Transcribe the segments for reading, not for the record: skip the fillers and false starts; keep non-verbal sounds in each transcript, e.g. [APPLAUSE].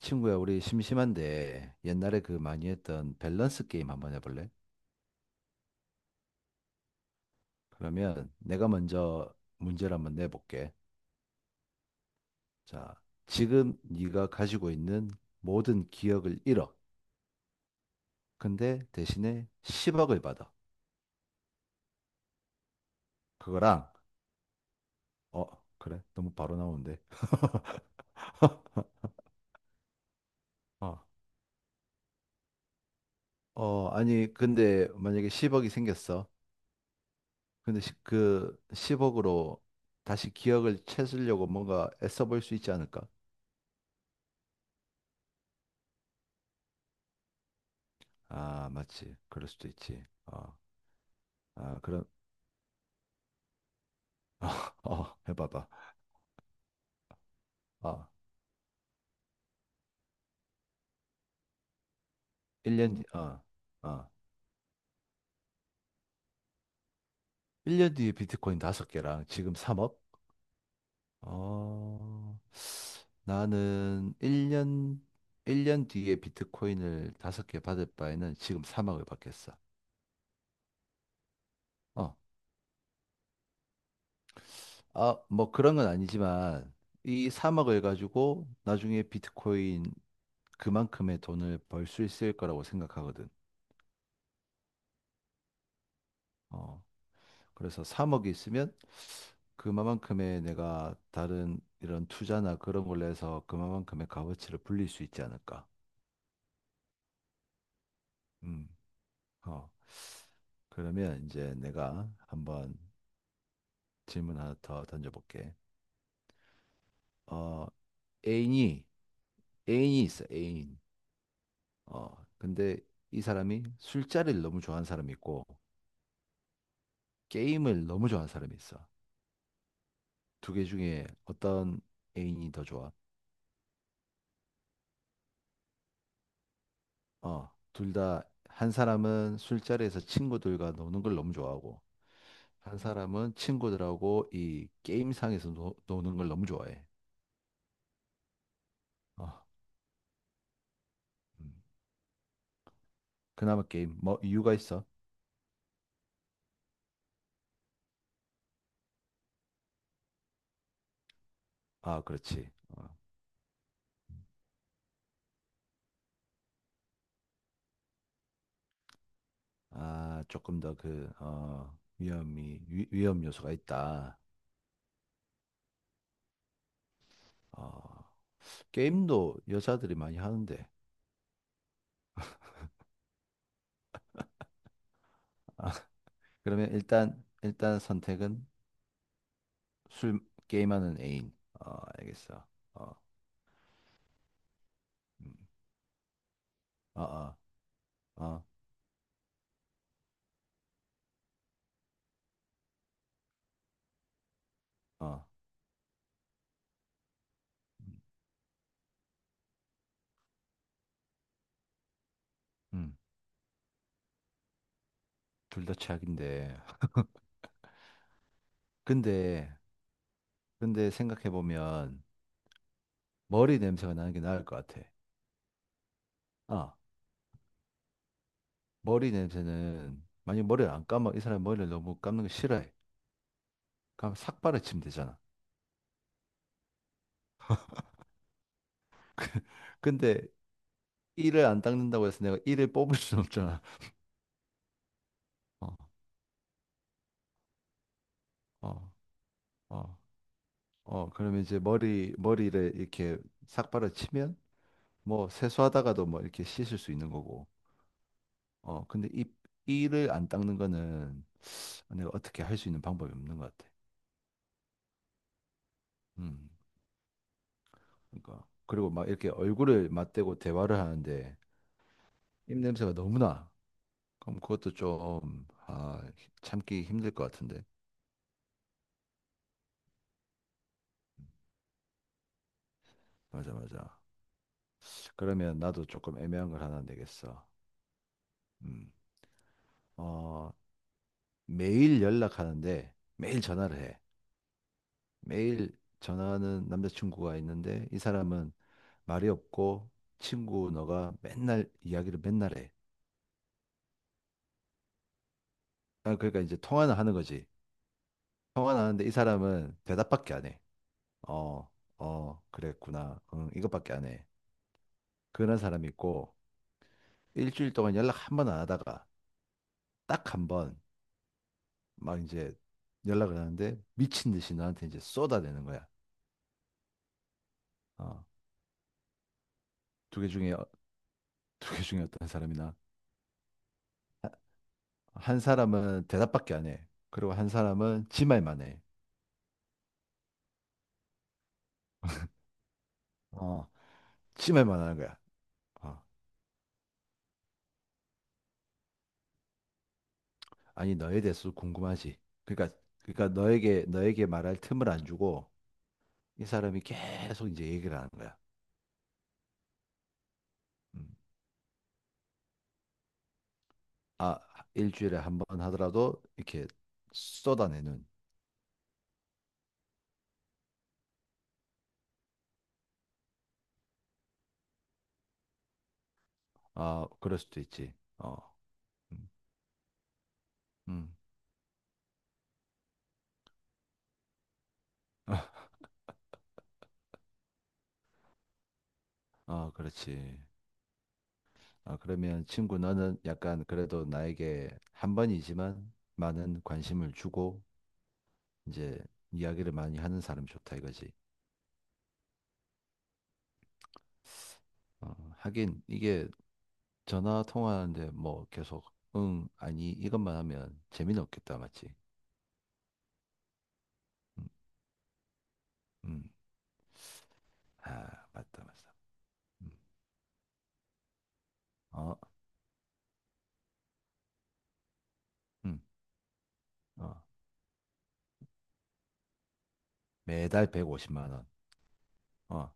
친구야, 우리 심심한데 옛날에 그 많이 했던 밸런스 게임 한번 해볼래? 그러면 내가 먼저 문제를 한번 내볼게. 자, 지금 네가 가지고 있는 모든 기억을 잃어. 근데 대신에 10억을 받아. 그거랑 어, 그래? 너무 바로 나오는데. [LAUGHS] 어, 아니 근데 만약에 10억이 생겼어. 근데 그 10억으로 다시 기억을 찾으려고 뭔가 애써 볼 수 있지 않을까? 아, 맞지. 그럴 수도 있지. 아, 그럼, [LAUGHS] 해봐봐. 어, 1년, 뒤- 어, 어, 일 년 뒤에 비트코인 5개랑 지금 3억? 어, 나는 일 년 뒤에 비트코인을 5개 받을 바에는 지금 3억을 받겠어. 어, 뭐 그런 건 아니지만, 이 3억을 가지고 나중에 비트코인 그만큼의 돈을 벌 수 있을 거라고 생각하거든. 어, 그래서 3억이 있으면 그만큼의 내가 다른 이런 투자나 그런 걸로 해서 그만큼의 값어치를 불릴 수 있지 않을까. 음. 어. 그러면 이제 내가 한번 질문 하나 더 던져볼게. 어, 애인이, 애인이 있어, 애인. 근데 이 사람이 술자리를 너무 좋아하는 사람이 있고, 게임을 너무 좋아하는 사람이 있어. 두 개 중에 어떤 애인이 더 좋아? 둘 다 한 사람은 술자리에서 친구들과 노는 걸 너무 좋아하고 한 사람은 친구들하고 이 게임상에서 노는 걸 너무 좋아해. 어, 음. 그나마 게임 뭐 이유가 있어? 아, 그렇지. 어. 아, 조금 더 위험 요소가 있다. 어, 게임도 여자들이 많이 하는데. 아, [LAUGHS] 그러면 일단 선택은 술 게임하는 애인. 어, 알겠어. 어, 음. 어, 어, 어, 어. 음, 둘 다 최악인데. 근데, 근데 생각해보면 머리 냄새가 나는 게 나을 것 같아. 아, 머리 냄새는, 만약 머리를 안 감아, 이 사람이 머리를 너무 감는 거 싫어해. 그럼 삭 발라치면 되잖아. 근데 이를 안 닦는다고 해서 내가 이를 뽑을 순 없잖아. 어, 어, 어, 어. 그러면 이제 머리를 이렇게 삭 발라치면 뭐 세수하다가도 뭐 이렇게 씻을 수 있는 거고. 근데 이 이를 안 닦는 거는 내가 어떻게 할 수 있는 방법이 없는 것 같아. 음. 그러니까 그리고 막 이렇게 얼굴을 맞대고 대화를 하는데 입 냄새가 너무 나. 그럼 그것도 참기 힘들 것 같은데. 맞아, 맞아. 그러면 나도 조금 애매한 걸 하나 내겠어. 음. 어, 매일 연락하는데 매일 전화를 해. 매일 전화하는 남자친구가 있는데 이 사람은 말이 없고 친구 너가 맨날 이야기를 맨날 해. 아, 그러니까 이제 통화는 하는 거지. 통화는 하는데 이 사람은 대답밖에 안 해. 어, 어, 그랬구나. 응, 이것밖에 안 해. 그런 사람이 있고, 일주일 동안 연락 한번 안 하다가, 딱 한 번, 막 이제 연락을 하는데, 미친 듯이 나한테 이제 쏟아내는 거야. 어, 두 개 중에, [LAUGHS] 두 개 중에 어떤 사람이나. 한 사람은 대답밖에 안 해. 그리고 한 사람은 지 말만 해. 어, 지 말만 하는 거야. 어, 아니, 너에 대해서 궁금하지. 그러니까, 그러니까 너에게 말할 틈을 안 주고, 이 사람이 계속 이제 얘기를 하는 거야. 음. 아, 일주일에 한번 하더라도 이렇게 쏟아내는. 아, 그럴 수도 있지. 음, 음. [LAUGHS] 그렇지. 아, 그러면 친구 너는 약간 그래도 나에게 한 번이지만 많은 관심을 주고 이제 이야기를 많이 하는 사람 좋다 이거지. 하긴 이게 전화 통화하는데 뭐 계속 응, 아니 이것만 하면 재미는 없겠다 맞지? 음, 음. 아, 맞다 맞다. 음. 어, 음, 어. 매달 150만 원. 어,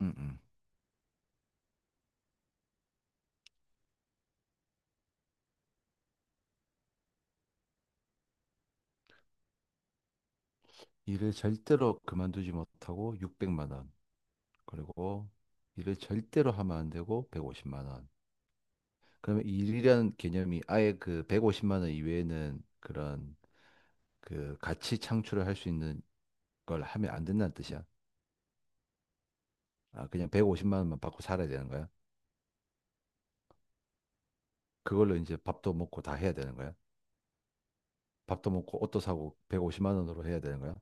음, 음. 일을 절대로 그만두지 못하고 600만 원. 그리고 일을 절대로 하면 안 되고 150만 원. 그러면 일이라는 개념이 아예 그 150만 원 이외에는 그런 그 가치 창출을 할 수 있는 걸 하면 안 된다는 뜻이야. 아, 그냥 150만 원만 받고 살아야 되는 거야. 그걸로 이제 밥도 먹고 다 해야 되는 거야. 밥도 먹고 옷도 사고 150만 원으로 해야 되는 거야.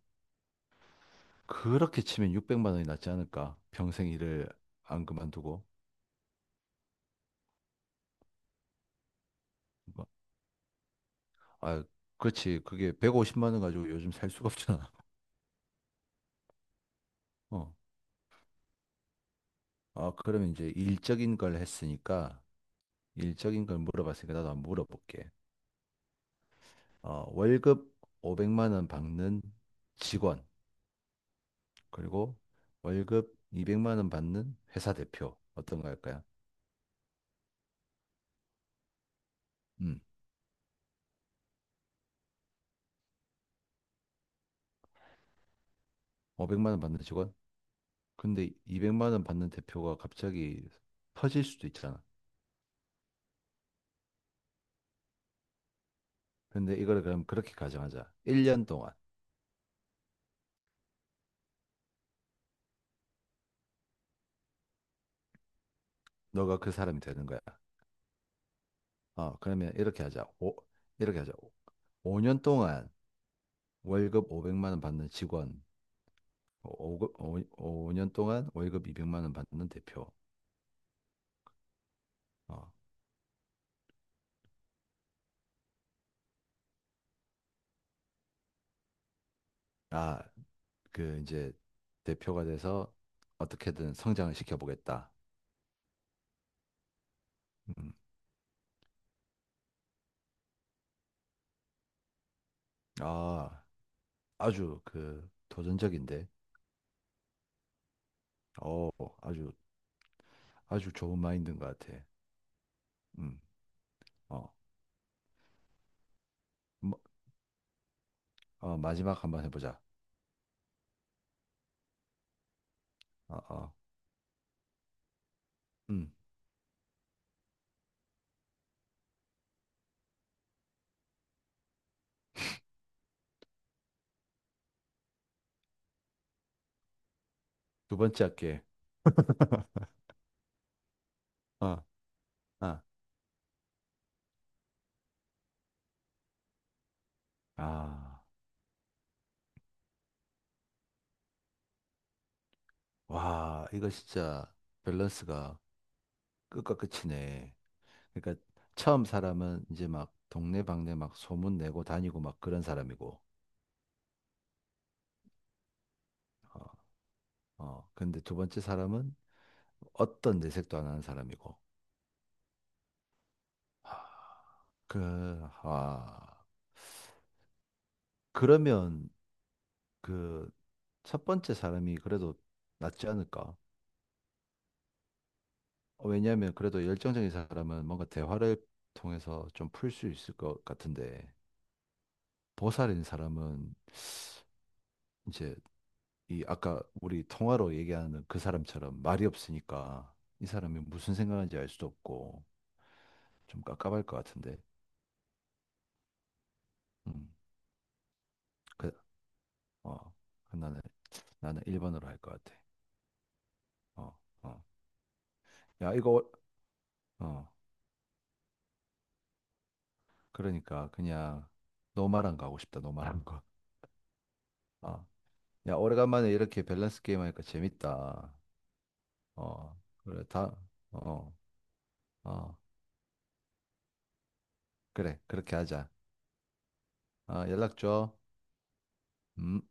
그렇게 치면 600만 원이 낫지 않을까? 평생 일을 안 그만두고. 아, 그렇지. 그게 150만 원 가지고 요즘 살 수가 없잖아. [LAUGHS] 어. 아, 그러면 이제 일적인 걸 했으니까, 일적인 걸 물어봤으니까 나도 한번 물어볼게. 월급 500만 원 받는 직원, 그리고 월급 200만 원 받는 회사 대표. 어떤 거 할까요? 음, 500만 원 받는 직원? 근데 200만 원 받는 대표가 갑자기 터질 수도 있잖아. 근데 이걸 그럼 그렇게 가정하자. 1년 동안 너가 그 사람이 되는 거야. 어, 그러면 이렇게 하자. 오, 이렇게 하자. 5년 동안 월급 500만 원 받는 직원, 년 동안 월급 200만 원 받는 대표. 어, 아, 그 이제 대표가 돼서 어떻게든 성장을 시켜보겠다. 음, 아, 아주 그 도전적인데, 어, 아주 아주 좋은 마인드인 것 같아. 음, 어, 뭐, 마지막 한 번 해보자. 어, 어, 음, 두 번째 할게. [LAUGHS] 어, 어. 아, 와, 이거 진짜 밸런스가 끝과 끝이네. 그러니까 처음 사람은 이제 막 동네방네 막 소문 내고 다니고 막 그런 사람이고, 어, 근데 두 번째 사람은 어떤 내색도 안 하는 사람이고, 아, 그, 아, 그러면 그 첫 번째 사람이 그래도 낫지 않을까? 왜냐하면 그래도 열정적인 사람은 뭔가 대화를 통해서 좀 풀 수 있을 것 같은데, 보살인 사람은 이제 이 아까 우리 통화로 얘기하는 그 사람처럼 말이 없으니까 이 사람이 무슨 생각하는지 알 수도 없고 좀 깝깝할 것 같은데. 음. 그, 어. 그 나는 나는 1번으로 할 것 같아. 어. 어. 야, 이거 어. 그러니까 그냥 노말한 거 하고 싶다. 노말한 거. 어. 야, 오래간만에 이렇게 밸런스 게임 하니까 재밌다. 어. 그래. 다 어. 어. 그래. 그렇게 하자. 아, 연락 줘. 음.